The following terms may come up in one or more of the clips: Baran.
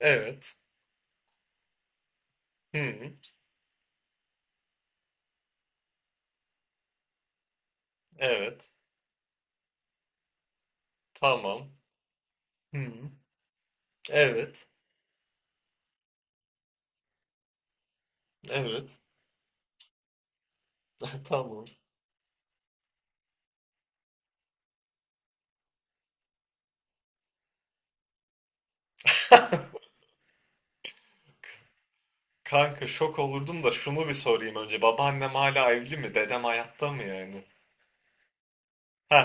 Evet. Hı. Evet. Tamam. Hı. Evet. Evet. Tamam. Kanka şok olurdum da şunu bir sorayım önce. Babaannem hala evli mi? Dedem hayatta mı yani? Ha,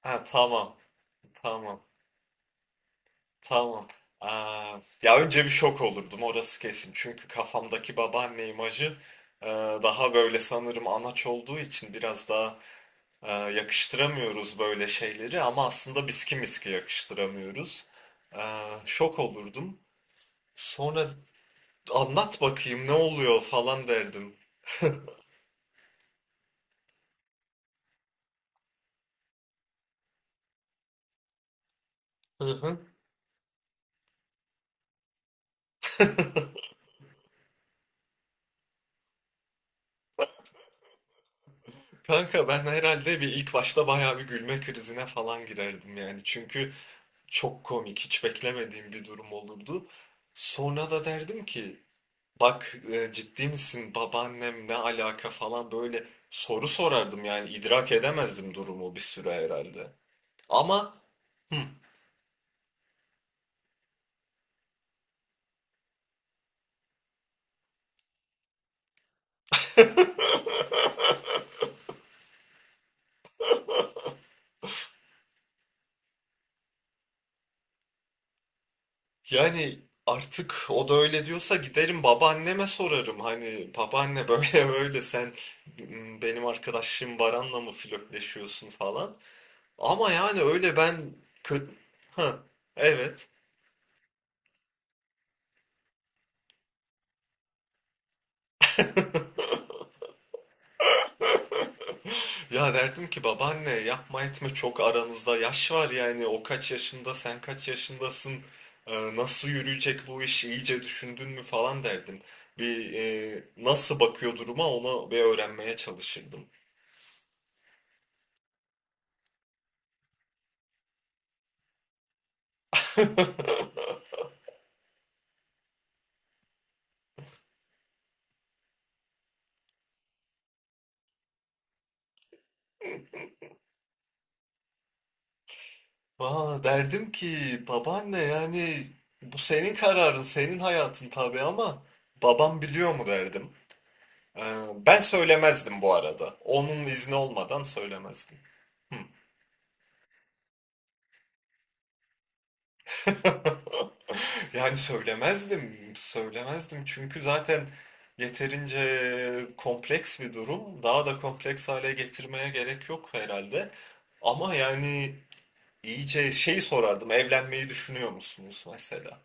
ha tamam. Tamam. Tamam. Aa, ya önce bir şok olurdum, orası kesin. Çünkü kafamdaki babaanne imajı e, daha böyle, sanırım anaç olduğu için biraz daha. Yakıştıramıyoruz böyle şeyleri ama aslında biski miski yakıştıramıyoruz. Şok olurdum. Sonra anlat bakayım ne oluyor falan derdim. Hı hı. Kanka ben herhalde bir ilk başta bayağı bir gülme krizine falan girerdim yani. Çünkü çok komik, hiç beklemediğim bir durum olurdu. Sonra da derdim ki bak ciddi misin, babaannem ne alaka falan, böyle soru sorardım yani, idrak edemezdim durumu bir süre herhalde. Ama. Hı. Yani artık o da öyle diyorsa giderim babaanneme sorarım. Hani babaanne, böyle böyle sen, benim arkadaşım Baran'la mı flörtleşiyorsun falan. Ama yani öyle ben kötü... Ha, evet. Ya derdim ki babaanne yapma etme, çok aranızda yaş var yani, o kaç yaşında sen kaç yaşındasın. Nasıl yürüyecek bu iş, iyice düşündün mü falan derdim. Bir nasıl bakıyor duruma, onu bir öğrenmeye çalışırdım. Valla derdim ki babaanne, yani bu senin kararın, senin hayatın tabii, ama babam biliyor mu derdim. Ee, Ben söylemezdim bu arada. Onun izni olmadan söylemezdim. Hı. Yani söylemezdim, söylemezdim, çünkü zaten yeterince kompleks bir durum. Daha da kompleks hale getirmeye gerek yok herhalde. Ama yani iyice şey sorardım, evlenmeyi düşünüyor musunuz mesela?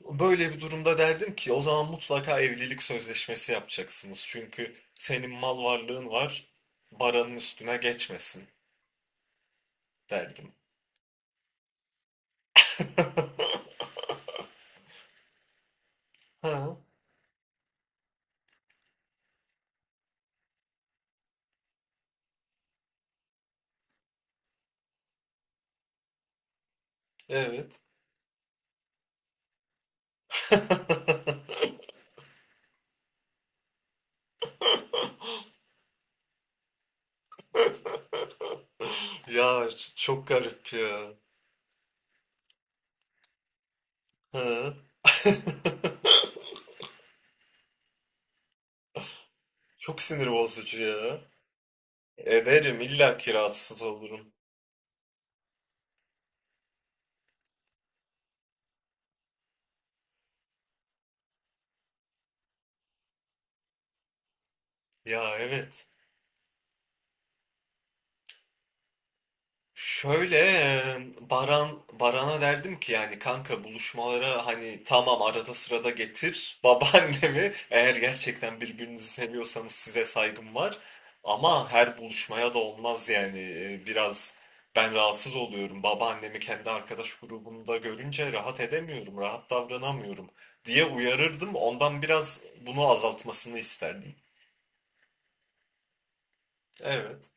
Böyle bir durumda derdim ki o zaman mutlaka evlilik sözleşmesi yapacaksınız. Çünkü senin mal varlığın var, baranın üstüne geçmesin derdim. Ha, evet. Ya çok garip ya. Ha. Çok sinir bozucu ya. Ederim, illa ki rahatsız olurum. Ya evet. Şöyle, Baran Baran'a derdim ki yani kanka, buluşmalara hani tamam arada sırada getir babaannemi, eğer gerçekten birbirinizi seviyorsanız size saygım var, ama her buluşmaya da olmaz yani. Biraz ben rahatsız oluyorum, babaannemi kendi arkadaş grubumda görünce rahat edemiyorum, rahat davranamıyorum diye uyarırdım, ondan biraz bunu azaltmasını isterdim. Evet,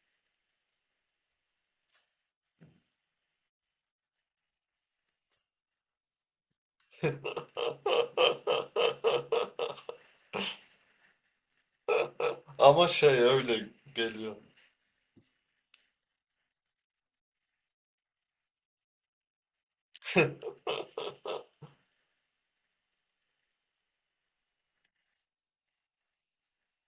ama şey öyle geliyor.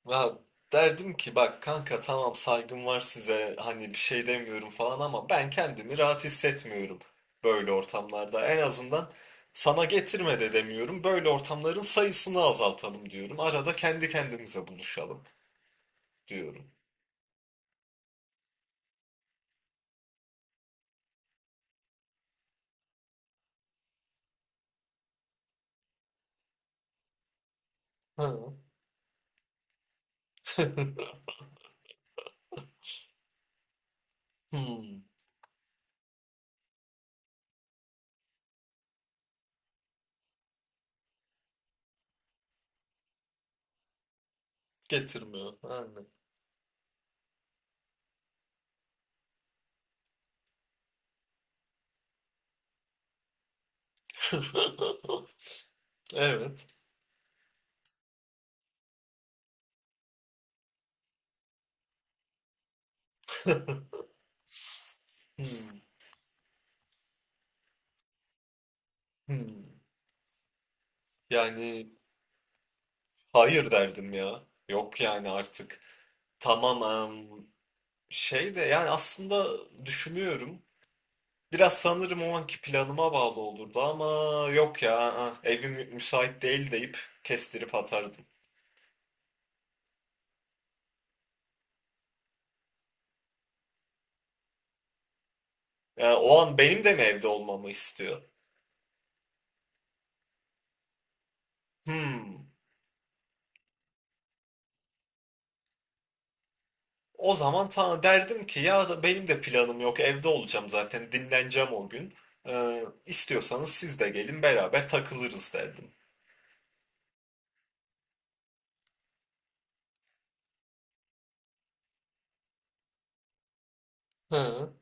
Ya derdim ki bak kanka, tamam saygım var size, hani bir şey demiyorum falan, ama ben kendimi rahat hissetmiyorum böyle ortamlarda. En azından sana getirme de demiyorum. Böyle ortamların sayısını azaltalım diyorum. Arada kendi kendimize buluşalım diyorum. Ha. Hmm, getirmiyor. Aynen. Evet. Hmm, hmm. Yani hayır derdim ya. Yok yani artık. Tamam. em, Şey de, yani aslında düşünüyorum. Biraz sanırım o anki planıma bağlı olurdu, ama yok ya, evim müsait değil deyip kestirip atardım. Yani o an benim de mi evde olmamı istiyor? Hmm. O zaman ta derdim ki, ya da benim de planım yok, evde olacağım zaten, dinleneceğim o gün. İstiyorsanız siz de gelin, beraber takılırız derdim. Hı.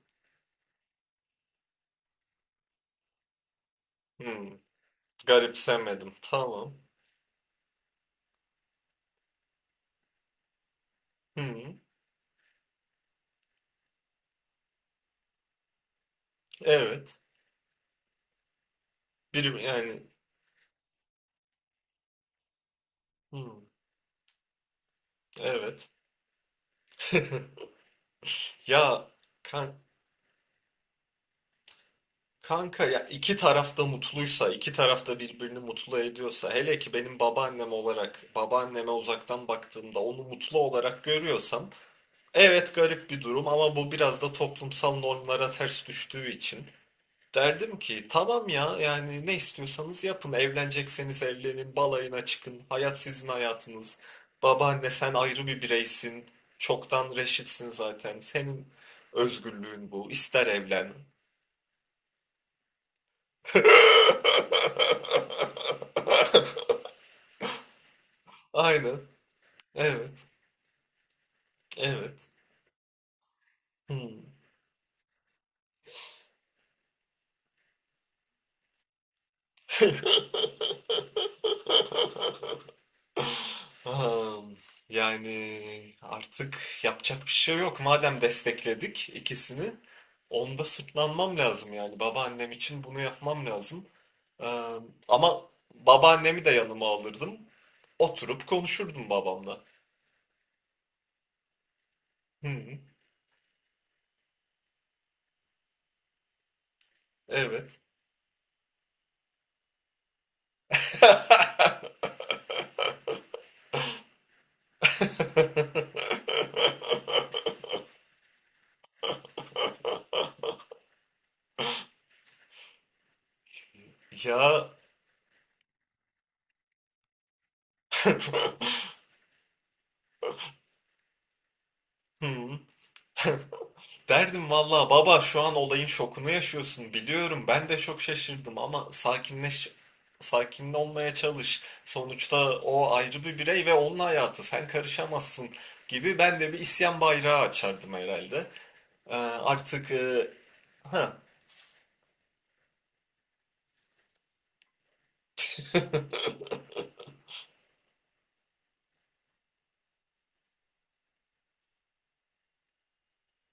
Hmm. Garipsemedim. Tamam. Hmm. Evet. Bir yani, hmm. Evet. Ya kan- kanka, ya iki tarafta mutluysa, iki tarafta birbirini mutlu ediyorsa, hele ki benim babaannem olarak, babaanneme uzaktan baktığımda onu mutlu olarak görüyorsam, evet garip bir durum, ama bu biraz da toplumsal normlara ters düştüğü için. Derdim ki tamam ya, yani ne istiyorsanız yapın, evlenecekseniz evlenin, balayına çıkın, hayat sizin hayatınız. Babaanne sen ayrı bir bireysin, çoktan reşitsin zaten, senin özgürlüğün bu, ister evlen. Aynen. Evet. Evet. Hmm. Am, Yani artık yapacak bir şey yok. Madem destekledik ikisini, onda sırtlanmam lazım yani. Babaannem için bunu yapmam lazım. Ama babaannemi de yanıma alırdım. Oturup konuşurdum babamla. Hmm, evet. Ya. Hmm. Derdim valla baba, şu an olayın şokunu yaşıyorsun biliyorum, ben de çok şaşırdım, ama sakinleş, sakin olmaya çalış. Sonuçta o ayrı bir birey ve onun hayatı, sen karışamazsın gibi ben de bir isyan bayrağı açardım herhalde. Ee, Artık ha,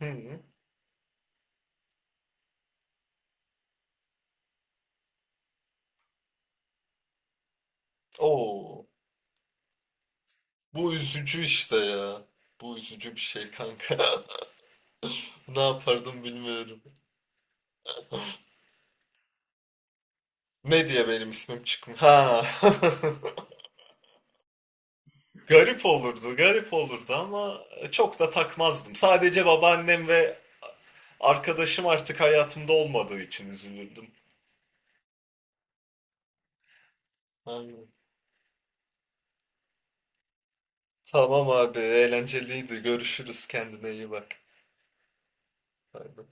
hı, oo, bu üzücü işte ya. Bu üzücü bir şey kanka. Ne yapardım bilmiyorum. Ne diye benim ismim çıkmış? Ha. Garip olurdu, garip olurdu ama çok da takmazdım. Sadece babaannem ve arkadaşım artık hayatımda olmadığı için üzülürdüm. Aynen. Tamam abi, eğlenceliydi. Görüşürüz. Kendine iyi bak. Bay bay.